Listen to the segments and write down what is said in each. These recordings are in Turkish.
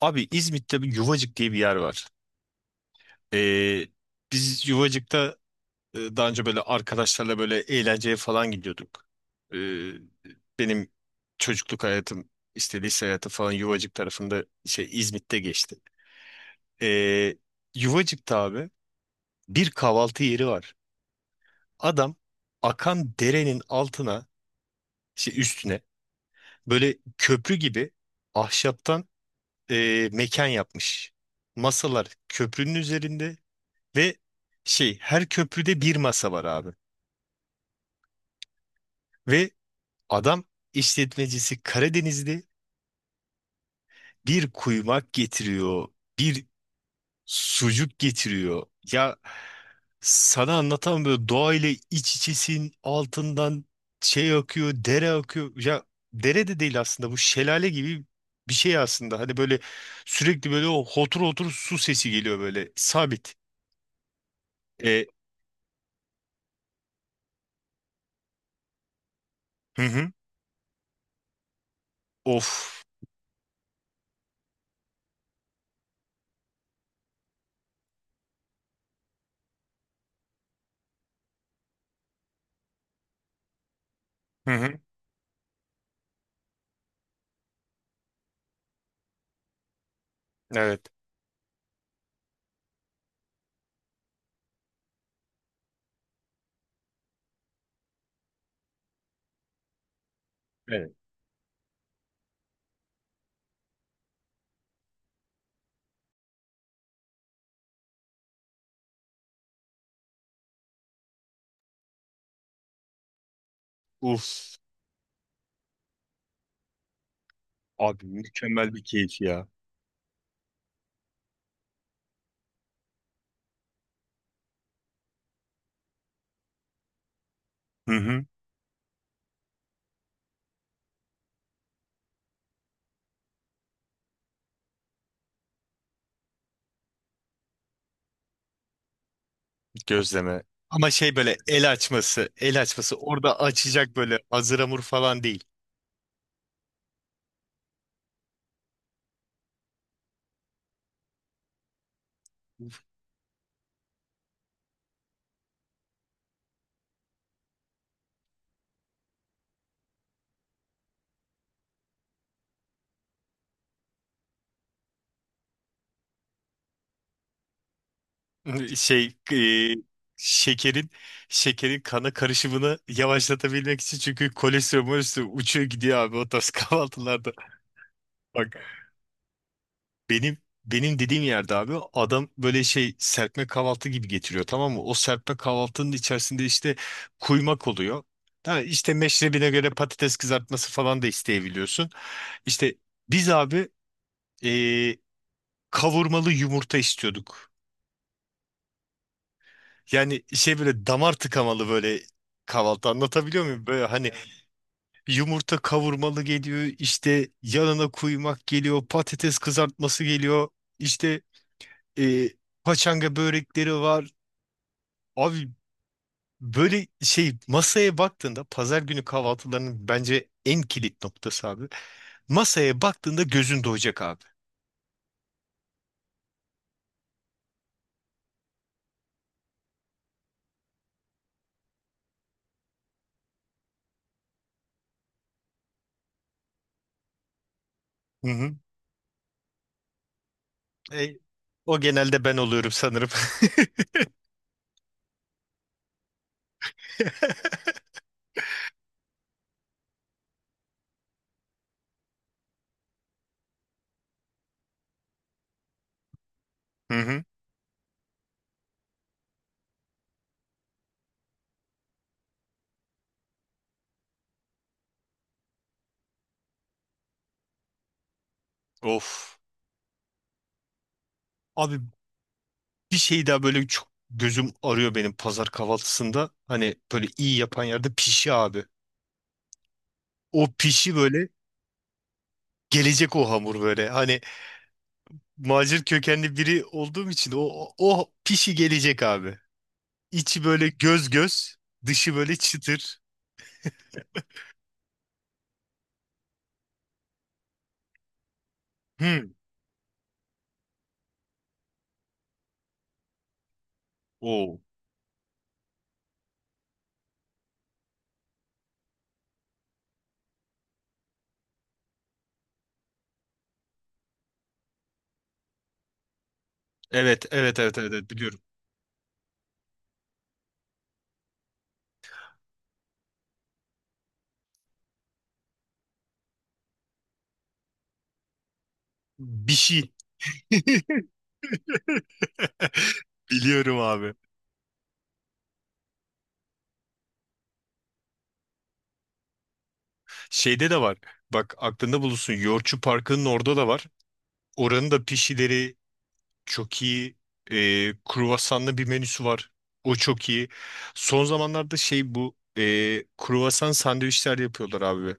Abi İzmit'te bir Yuvacık diye bir yer var. Ee, biz Yuvacık'ta daha önce böyle arkadaşlarla böyle eğlenceye falan gidiyorduk. Ee, benim çocukluk hayatım, işte lise hayatı falan Yuvacık tarafında şey İzmit'te geçti. Ee, Yuvacık'ta abi bir kahvaltı yeri var. Adam akan derenin altına, şey üstüne böyle köprü gibi ahşaptan mekan yapmış. Masalar köprünün üzerinde. Ve şey her köprüde bir masa var abi. Ve adam işletmecisi Karadenizli bir kuymak getiriyor. Bir sucuk getiriyor. Ya sana anlatan böyle doğayla iç içesin, altından şey akıyor, dere akıyor. Ya dere de değil aslında, bu şelale gibi bir şey aslında. Hani böyle sürekli böyle o hotur hotur su sesi geliyor böyle sabit. E, hı hı. Of. Hı hı. Evet. Evet. Uf. Abi mükemmel bir keyif ya. Hı hı. Gözleme. Ama şey böyle el açması, el açması orada açacak, böyle hazır hamur falan değil. Şey e, şekerin şekerin kana karışımını yavaşlatabilmek için, çünkü kolesterol molesterol uçuyor gidiyor abi o tarz kahvaltılarda. Bak benim benim dediğim yerde abi adam böyle şey serpme kahvaltı gibi getiriyor, tamam mı? O serpme kahvaltının içerisinde işte kuymak oluyor. Ha, işte meşrebine göre patates kızartması falan da isteyebiliyorsun. İşte biz abi eee, kavurmalı yumurta istiyorduk. Yani şey böyle damar tıkamalı böyle kahvaltı, anlatabiliyor muyum? Böyle hani evet, yumurta kavurmalı geliyor, işte yanına kuymak geliyor, patates kızartması geliyor, işte eee paçanga börekleri var. Abi böyle şey masaya baktığında, pazar günü kahvaltılarının bence en kilit noktası abi. Masaya baktığında gözün doyacak abi. Hı hı. E, o genelde ben oluyorum sanırım. Hı hı. Of. Abi bir şey daha böyle çok gözüm arıyor benim pazar kahvaltısında. Hani böyle iyi yapan yerde pişi abi. O pişi böyle gelecek, o hamur böyle. Hani macir kökenli biri olduğum için o pişi gelecek abi. İçi böyle göz göz, dışı böyle çıtır. Hı. Oo. Evet, evet, evet, evet, evet, biliyorum. Bir şey. Biliyorum abi. Şeyde de var. Bak aklında bulunsun, Yoğurtçu Parkı'nın orada da var. Oranın da pişileri çok iyi. Kruvasanlı bir menüsü var. O çok iyi. Son zamanlarda şey bu kruvasan sandviçler yapıyorlar abi.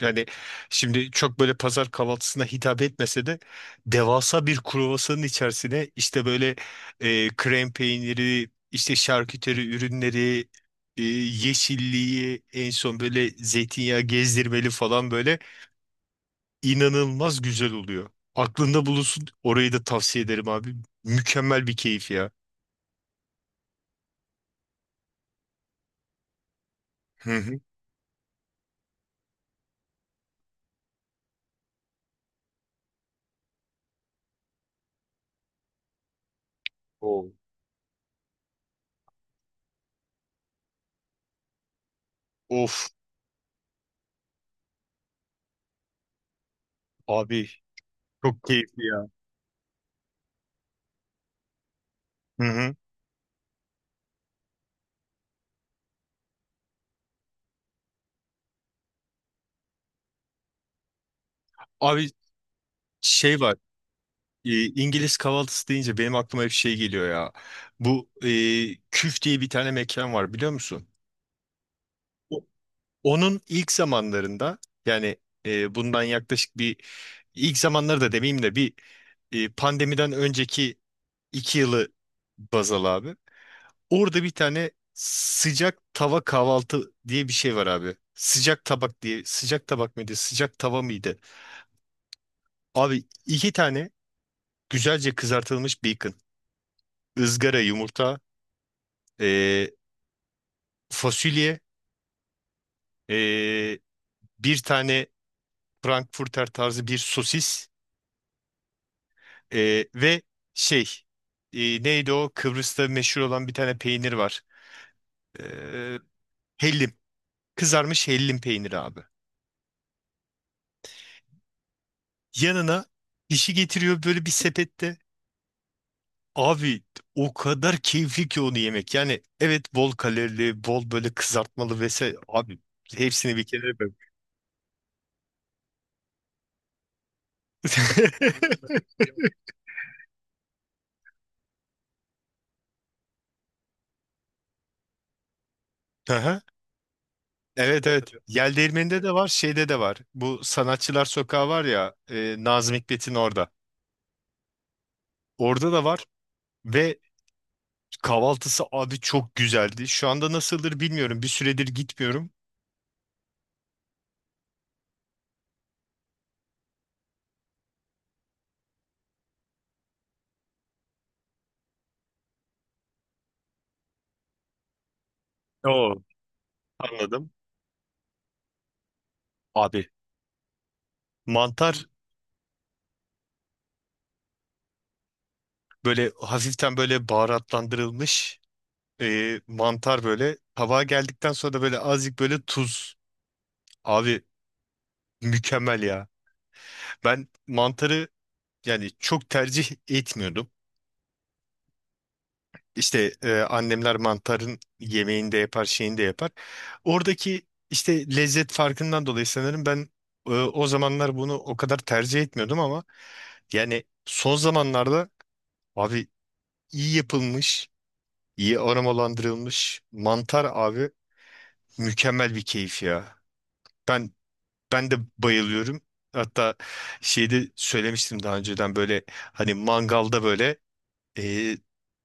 Yani şimdi çok böyle pazar kahvaltısına hitap etmese de devasa bir kruvasanın içerisine işte böyle krem peyniri, işte şarküteri ürünleri, yeşilliği en son böyle zeytinyağı gezdirmeli falan, böyle inanılmaz güzel oluyor. Aklında bulunsun. Orayı da tavsiye ederim abi. Mükemmel bir keyif ya. Hı hı. Oo. Of abi, çok keyifli ya. Hı hı. Abi şey var. E, İngiliz kahvaltısı deyince benim aklıma hep şey geliyor ya. Bu Küf diye bir tane mekan var, biliyor musun? O- Onun ilk zamanlarında, yani bundan yaklaşık bir, ilk zamanları da demeyeyim de bir pandemiden önceki 2 yılı baz al abi. Orada bir tane sıcak tava kahvaltı diye bir şey var abi. Sıcak tabak diye, sıcak tabak mıydı, sıcak tava mıydı? Abi iki tane güzelce kızartılmış bacon, ızgara yumurta, e, fasulye, e, bir tane Frankfurter tarzı bir sosis ve şey neydi, o Kıbrıs'ta meşhur olan bir tane peynir var. E, hellim, kızarmış hellim peyniri abi. Yanına dişi getiriyor böyle bir sepette. Abi o kadar keyifli ki onu yemek. Yani evet, bol kalorili, bol böyle kızartmalı vesaire. Abi hepsini bir kere yapıyorum. Aha. Evet, evet. Yel Değirmeni'nde de var, şeyde de var. Bu Sanatçılar Sokağı var ya, Nazım Hikmet'in orada. Orada da var ve kahvaltısı abi çok güzeldi. Şu anda nasıldır bilmiyorum. Bir süredir gitmiyorum. Oo, anladım. Abi mantar böyle hafiften böyle baharatlandırılmış. Mantar böyle. Tabağa geldikten sonra da böyle azıcık böyle tuz. Abi mükemmel ya. Ben mantarı yani çok tercih etmiyordum. İşte annemler mantarın yemeğini de yapar, şeyini de yapar. Oradaki işte lezzet farkından dolayı sanırım ben o zamanlar bunu o kadar tercih etmiyordum ama yani son zamanlarda abi iyi yapılmış, iyi aromalandırılmış mantar abi mükemmel bir keyif ya. Ben Ben de bayılıyorum. Hatta şeyde söylemiştim daha önceden böyle hani mangalda böyle e,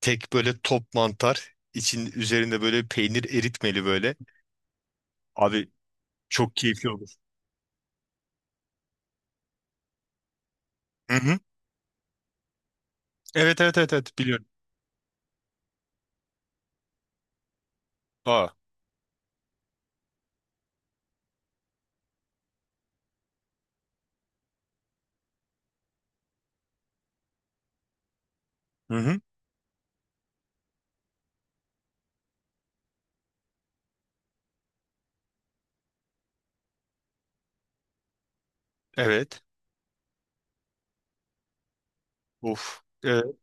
tek böyle top mantar için üzerinde böyle peynir eritmeli böyle. Abi çok keyifli olur. Hı hı. Evet, evet, evet, evet, biliyorum. Aa. Hı hı. Evet. Of. Evet.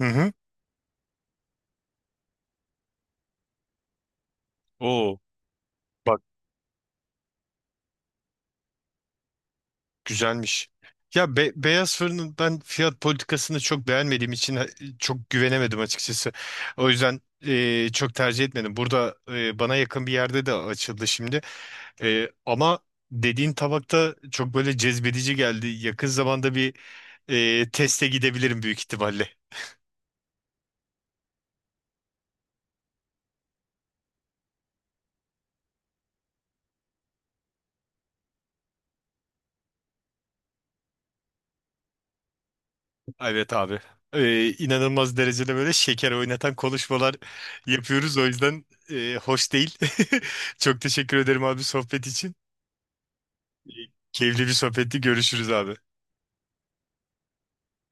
Hı hı. Oo. Güzelmiş. Ya beyaz fırının ben fiyat politikasını çok beğenmediğim için çok güvenemedim açıkçası. O yüzden çok tercih etmedim. Burada bana yakın bir yerde de açıldı şimdi. Ama dediğin tabakta çok böyle cezbedici geldi. Yakın zamanda bir teste gidebilirim büyük ihtimalle. Evet abi. İnanılmaz derecede böyle şeker oynatan konuşmalar yapıyoruz. O yüzden hoş değil. Çok teşekkür ederim abi sohbet için. Keyifli bir sohbetti. Görüşürüz abi.